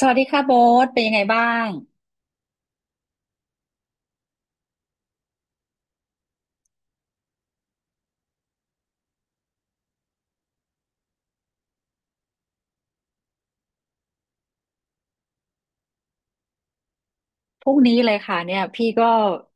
สวัสดีค่ะโบ๊ทเป็นยังไงบ้างพรุ่งนี้เลยค่ะเนี่ยพี่ก็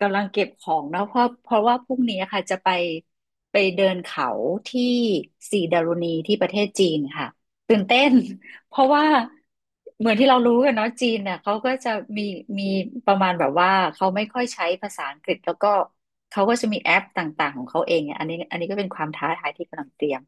กำลังเก็บของนะเพราะว่าพรุ่งนี้ค่ะจะไปไปเดินเขาที่สีดารุณีที่ประเทศจีนค่ะตื่นเต้น เพราะว่าเหมือนที่เรารู้กันเนาะจีนเนี่ยเขาก็จะมีมีประมาณแบบว่าเขาไม่ค่อยใช้ภาษาอังกฤษแล้วก็เขาก็จะมีแอปต่างๆของเขาเองเนี่ยอันนี้ก็เป็นความท้าทายที่กำลังเตรียม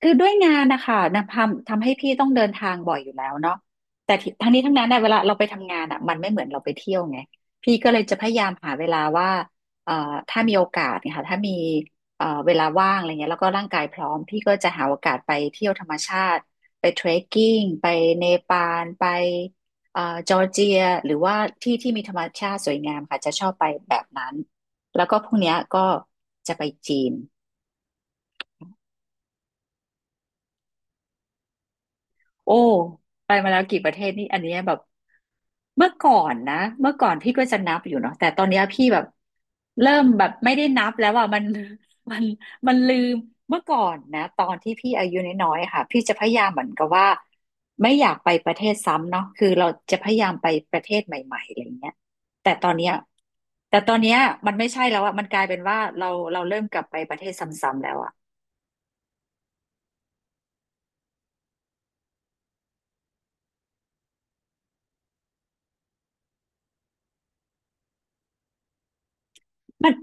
คือด้วยงานนะคะนะทำให้พี่ต้องเดินทางบ่อยอยู่แล้วเนาะแต่ที่ทั้งนี้ทั้งนั้นเนี่ยเวลาเราไปทำงานอ่ะมันไม่เหมือนเราไปเที่ยวไงพี่ก็เลยจะพยายามหาเวลาว่าเอ่อถ้ามีโอกาสเนี่ยค่ะถ้ามีเวลาว่างอะไรเงี้ยแล้วก็ร่างกายพร้อมพี่ก็จะหาโอกาสไปเที่ยวธรรมชาติไปเทรคกิ้งไปเนปาลไปจอร์เจียหรือว่าที่ที่มีธรรมชาติสวยงามค่ะจะชอบไปแบบนั้นแล้วก็พรุ่งเนี้ยก็จะไปจีน โอ้ไปมาแล้วกี่ประเทศนี่อันเนี้ยแบบเมื่อก่อนนะเมื่อก่อนพี่ก็จะนับอยู่เนาะแต่ตอนเนี้ยพี่แบบเริ่มแบบไม่ได้นับแล้วอ่ะมัน มันมันลืมเมื่อก่อนนะตอนที่พี่อายุน้อยๆค่ะพี่จะพยายามเหมือนกับว่าไม่อยากไปประเทศซ้ำเนาะคือเราจะพยายามไปประเทศใหม่ๆอะไรเงี้ยแต่ตอนเนี้ยแต่ตอนเนี้ยมันไม่ใช่แล้วอะมันกลายเป็นว่าเราเริ่มกลับไปประเทศซ้ำๆแล้วอะมัน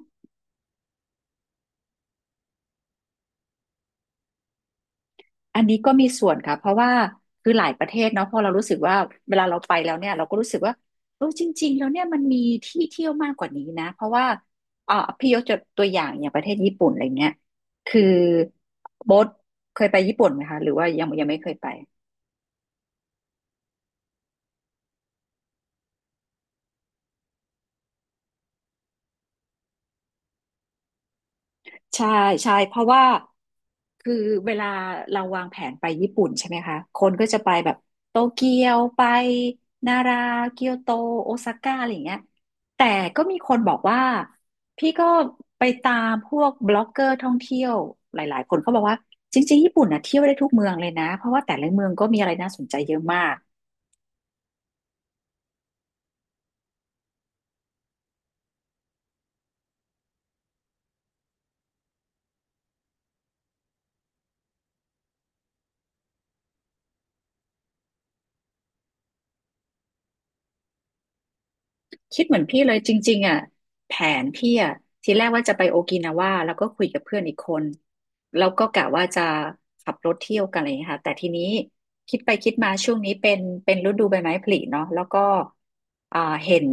อันนี้ก็มีส่วนค่ะเพราะว่าคือหลายประเทศเนาะพอเรารู้สึกว่าเวลาเราไปแล้วเนี่ยเราก็รู้สึกว่าเออจริงๆแล้วเนี่ยมันมีที่เที่ยวมากกว่านี้นะเพราะว่าพี่ยกตัวอย่างอย่างประเทศญี่ปุ่นอะไรเงี้ยคือโบ๊ทเคยไปญี่ปุ่นไหมคะหรือว่ายังไม่เคยไป ใช่ใช่เพราะว่าคือเวลาเราวางแผนไปญี่ปุ่นใช่ไหมคะคนก็จะไปแบบโตเกียวไปนาราเกียวโตโอซาก้าอะไรอย่างเงี้ยแต่ก็มีคนบอกว่าพี่ก็ไปตามพวกบล็อกเกอร์ท่องเที่ยวหลายๆคนเขาบอกว่าจริงๆญี่ปุ่นนะเที่ยวได้ทุกเมืองเลยนะเพราะว่าแต่ละเมืองก็มีอะไรน่าสนใจเยอะมาก คิดเหมือนพี่เลยจริงๆอ่ะแผนพี่อ่ะทีแรกว่าจะไปโอกินาว่าแล้วก็คุยกับเพื่อนอีกคนแล้วก็กะว่าจะขับรถเที่ยวกันอะไรอย่างเงี้ยค่ะแต่ทีนี้คิดไปคิดมาช่วงนี้เป็นฤดูใบไม้ผลิเนาะแล้วก็อ่าเห็น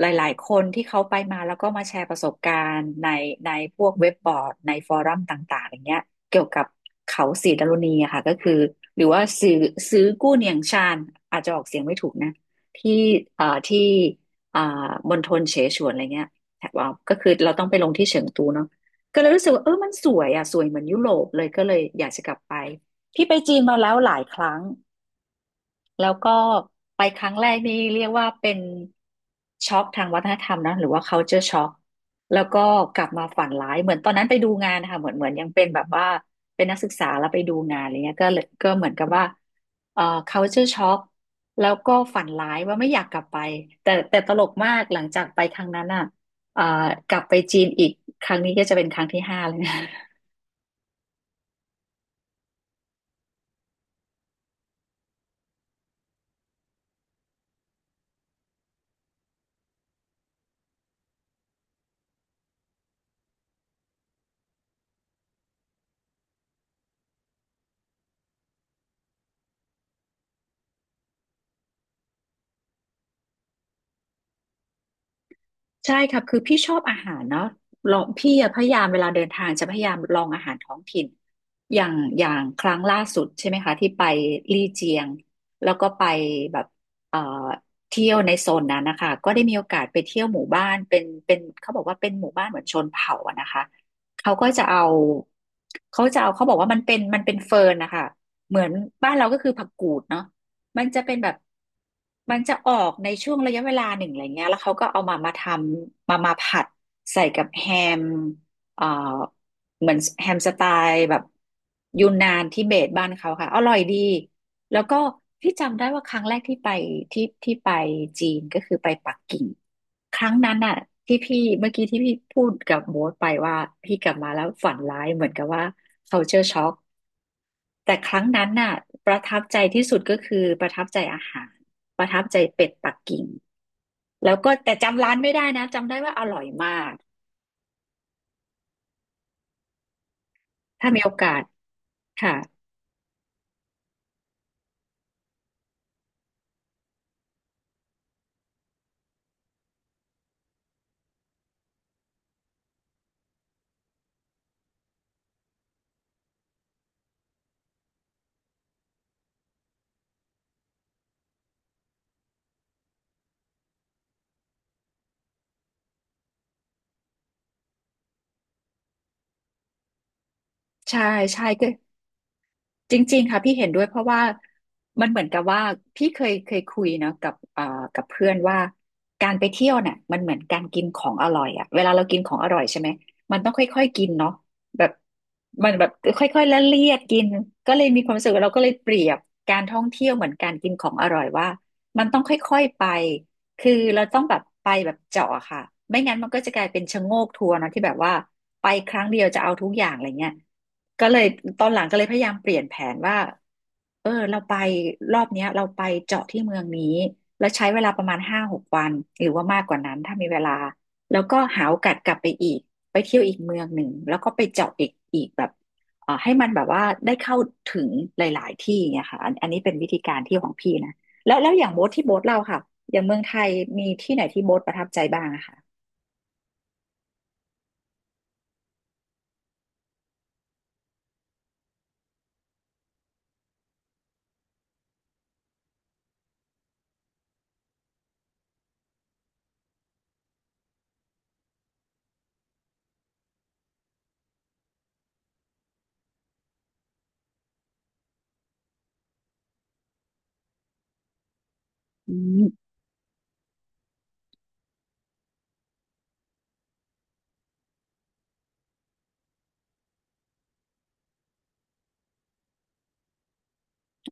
หลายๆคนที่เขาไปมาแล้วก็มาแชร์ประสบการณ์ในพวกเว็บบอร์ดในฟอรัมต่างๆอย่างเงี้ยเกี่ยวกับเขาสีดารุณีอะค่ะก็คือหรือว่าซื้อกู้เนียงชานอาจจะออกเสียงไม่ถูกนะ ที่ที่อ่ามณฑลเสฉวนอะไรเงี้ยแถบว่าก็คือเราต้องไปลงที่เฉิงตูเนาะก็เลยรู้สึกว่าเออมันสวยอ่ะสวยเหมือนยุโรปเลย ก็เลยอยากจะกลับไป พี่ไปจีนมาแล้วหลายครั้ง แล้วก็ไปครั้งแรกนี่เรียกว่าเป็นช็อกทางวัฒนธรรมนะหรือว่า culture shock แล้วก็กลับมาฝันร้ายเหมือนตอนนั้นไปดูงานนะคะเหมือนยังเป็นแบบว่าเป็นนักศึกษาแล้วไปดูงานอะไรเงี้ยก็เลยก็เหมือนกับว่าเอ่อ culture shock แล้วก็ฝันร้ายว่าไม่อยากกลับไปแต่ตลกมากหลังจากไปครั้งนั้นอ่ะเอ่อกลับไปจีนอีกครั้งนี้ก็จะเป็นครั้งที่ห้าเลยนะ ใช่ครับคือพี่ชอบอาหารเนาะลองพี่อะพยายามเวลาเดินทางจะพยายามลองอาหารท้องถิ่นอย่างอย่างครั้งล่าสุดใช่ไหมคะที่ไปลี่เจียงแล้วก็ไปแบบเอ่อเที่ยวในโซนนั้นนะคะก็ได้มีโอกาสไปเที่ยวหมู่บ้านเป็นเขาบอกว่าเป็นหมู่บ้านเหมือนชนเผ่าอะนะคะเขาก็จะเอาเขาจะเอาเขาบอกว่ามันเป็นเฟิร์นนะคะเหมือนบ้านเราก็คือผักกูดเนาะ มันจะเป็นแบบมันจะออกในช่วงระยะเวลาหนึ่งอะไรเงี้ยแล้วเขาก็เอามามาทำมามาผัดใส่กับแฮมเอ่อเหมือนแฮมสไตล์แบบยูนนานทิเบตบ้านเขาค่ะอร่อยดีแล้วก็ที่จำได้ว่าครั้งแรกที่ไปที่ที่ไปจีนก็คือไปปักกิ่งครั้งนั้นน่ะที่พี่เมื่อกี้ที่พี่พูดกับโบ๊ทไปว่าพี่กลับมาแล้วฝันร้ายเหมือนกับว่า culture shock แต่ครั้งนั้นน่ะประทับใจที่สุดก็คือประทับใจอาหารประทับใจเป็ดปักกิ่งแล้วก็แต่จำร้านไม่ได้นะจำได้ว่าอร่อยมากถ้ามีโอกาสค่ะใช่ใช่ก็ จริงๆค่ะพี่เห็นด้วยเพราะว่ามันเหมือนกับว่าพี่เคยคุยเนาะกับกับเพื่อนว่าการไปเที่ยวเนี่ยมันเหมือนการกินของอร่อยอะเวลาเรากินของอร่อยใช่ไหมมันต้องค่อยๆกินเนาะแบบมันแบบค่อยๆละเลียดกินก็เลยมีความรู้สึกว่าเราก็เลยเปรียบการท่องเที่ยวเหมือนการกินของอร่อยว่ามันต้องค่อยๆไปคือเราต้องแบบไปแบบเจาะอะค่ะไม่งั้นมันก็จะกลายเป็นชะโงกทัวร์เนาะที่แบบว่าไปครั้งเดียวจะเอาทุกอย่างอะไรเงี้ย ก็เลยตอนหลังก็เลยพยายามเปลี่ยนแผนว่า เออเราไปรอบเนี้ยเราไปเจาะที่เมืองนี้แล้วใช้เวลาประมาณ5-6วันหรือว่ามากกว่านั้นถ้ามีเวลาแล้วก็หาโอกาสกลับไปอีกไปเที่ยวอีกเมืองหนึ่งแล้วก็ไปเจาะอีกแบบให้มันแบบว่าได้เข้าถึงหลายๆที่เนี่ยค่ะอันนี้เป็นวิธีการเที่ยวของพี่นะแล้วอย่างโบ๊ทที่โบ๊ทเราค่ะอย่างเมืองไทยมีที่ไหนที่โบ๊ทประทับใจบ้างอะค่ะอืม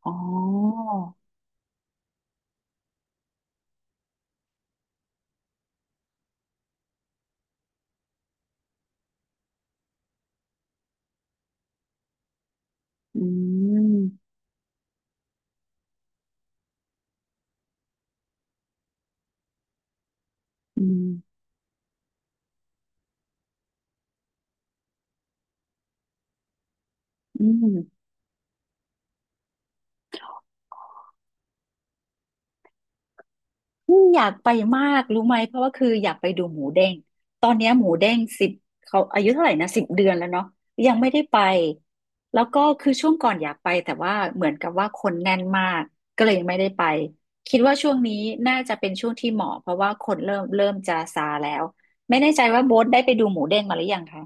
อ๋ออืมอืมอืม นี่อยากไปมากรู้ไหมเพราะว่าคืออยากไปดูหมูเด้งตอนเนี้ยหมูเด้งสิบเขาอายุเท่าไหร่นะ10 เดือนแล้วเนาะยังไม่ได้ไปแล้วก็คือช่วงก่อนอยากไปแต่ว่าเหมือนกับว่าคนแน่นมากก็เลยยังไม่ได้ไปคิดว่าช่วงนี้น่าจะเป็นช่วงที่เหมาะเพราะว่าคนเริ่มจะซาแล้วไม่แน่ใจว่าโบ๊ทได้ไปดูหมูเด้งมาหรือยังคะ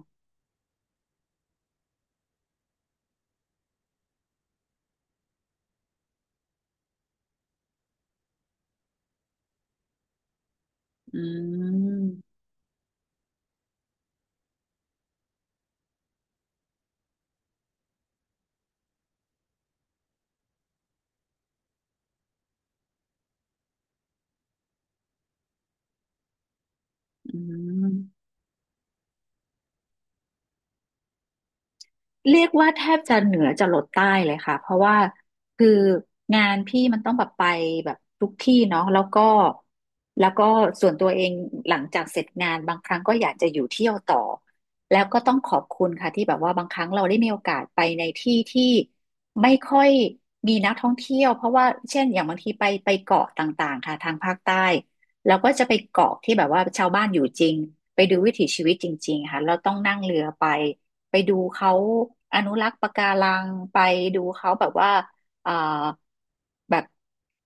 อืมอืม เรียกว่าแทบจะเหนือจะลดใต้เลยค่ะเพราะว่าคืองานพี่มันต้องแบบไปแบบทุกที่เนาะแล้วก็แล้วก็ส่วนตัวเองหลังจากเสร็จงานบางครั้งก็อยากจะอยู่เที่ยวต่อแล้วก็ต้องขอบคุณค่ะที่แบบว่าบางครั้งเราได้มีโอกาสไปในที่ที่ไม่ค่อยมีนักท่องเที่ยวเพราะว่าเช่นอย่างบางทีไปเกาะต่างๆค่ะทางภาคใต้แล้วก็จะไปเกาะที่แบบว่าชาวบ้านอยู่จริงไปดูวิถีชีวิตจริงๆค่ะเราต้องนั่งเรือไป ไปดูเขาอนุรักษ์ปะการังไปดูเขาแบบว่าเอ่อแบบ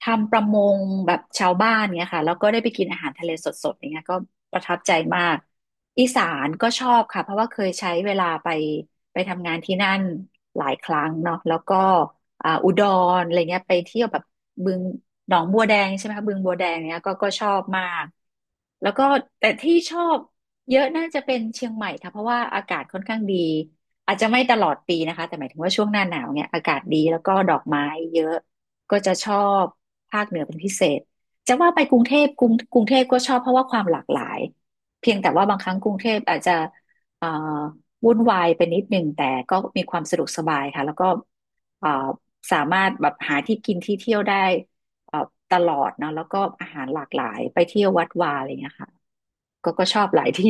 ทำประมงแบบชาวบ้านเนี่ยค่ะแล้วก็ได้ไปกินอาหารทะเลสดๆอย่างเงี้ยก็ประทับใจมากอีสานก็ชอบค่ะเพราะว่าเคยใช้เวลาไปทำงานที่นั่นหลายครั้งเนาะแล้วก็อุดรอะไรเงี้ยไปเที่ยวแบบบึงหนองบัวแดงใช่ไหมคะบึงบัวแดงเนี้ยก็ชอบมากแล้วก็แต่ที่ชอบ เยอะน่าจะเป็นเชียงใหม่ค่ะเพราะว่าอากาศค่อนข้างดีอาจจะไม่ตลอดปีนะคะแต่หมายถึงว่าช่วงหน้าหนาวเนี่ยอากาศดีแล้วก็ดอกไม้เยอะก็จะชอบภาคเหนือเป็นพิเศษจะว่าไปกรุงเทพกรุงเทพก็ชอบเพราะว่าความหลากหลายเพียงแต่ว่าบางครั้งกรุงเทพอาจจะเอ่อวุ่นวายไปนิดหนึ่งแต่ก็มีความสะดวกสบายค่ะแล้วก็เอ่อสามารถแบบหาที่กินที่เที่ยวได้เอ่อตลอดเนาะแล้วก็อาหารหลากหลายไปเที่ยววัดวาอะไรอย่างเงี้ยค่ะก็ชอบหลายที่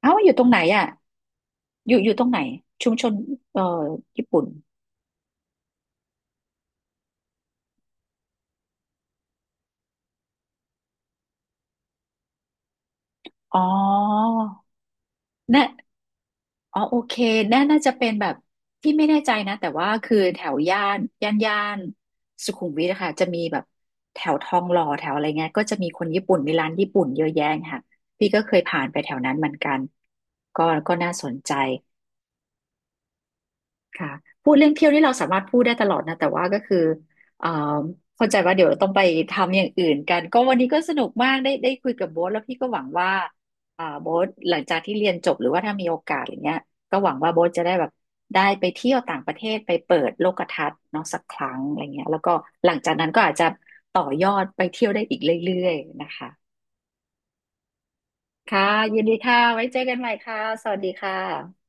เอ้าอยู่ตรงไหนอ่ะอยู่อยู่ตรงไหนชุมชนเอ่อญี่ปุ่นอ๋อน่ะอ๋อโอเคน่าน่าจะเป็นแบบที่ไม่แน่ใจนะแต่ว่าคือแถวย่านสุขุมวิทนะคะจะมีแบบแถวทองหล่อแถวอะไรเงี้ยก็จะมีคนญี่ปุ่นมีร้านญี่ปุ่นเยอะแยะค่ะพี่ก็เคยผ่านไปแถวนั้นเหมือนกันก็ก็น่าสนใจ ค่ะพูดเรื่องเที่ยวนี่เราสามารถพูดได้ตลอดนะแต่ว่าก็คือเอ่อเข้าใจว่าเดี๋ยวต้องไปทำอย่างอื่นกันก็วันนี้ก็สนุกมากได้คุยกับโบ๊ทแล้วพี่ก็หวังว่าโบ๊ทหลังจากที่เรียนจบหรือว่าถ้ามีโอกาสอย่างเงี้ยก็หวังว่าโบ๊ทจะได้แบบได้ไปเที่ยวต่างประเทศไปเปิดโลกทัศน์เนาะสักครั้งอะไรเงี้ยแล้วก็หลังจากนั้นก็อาจจะต่อยอดไปเที่ยวได้อีกเรื่อยๆนะคะค่ะยินดีค่ะไว้เจอกันใหม่ค่ะสวัสดีค่ะ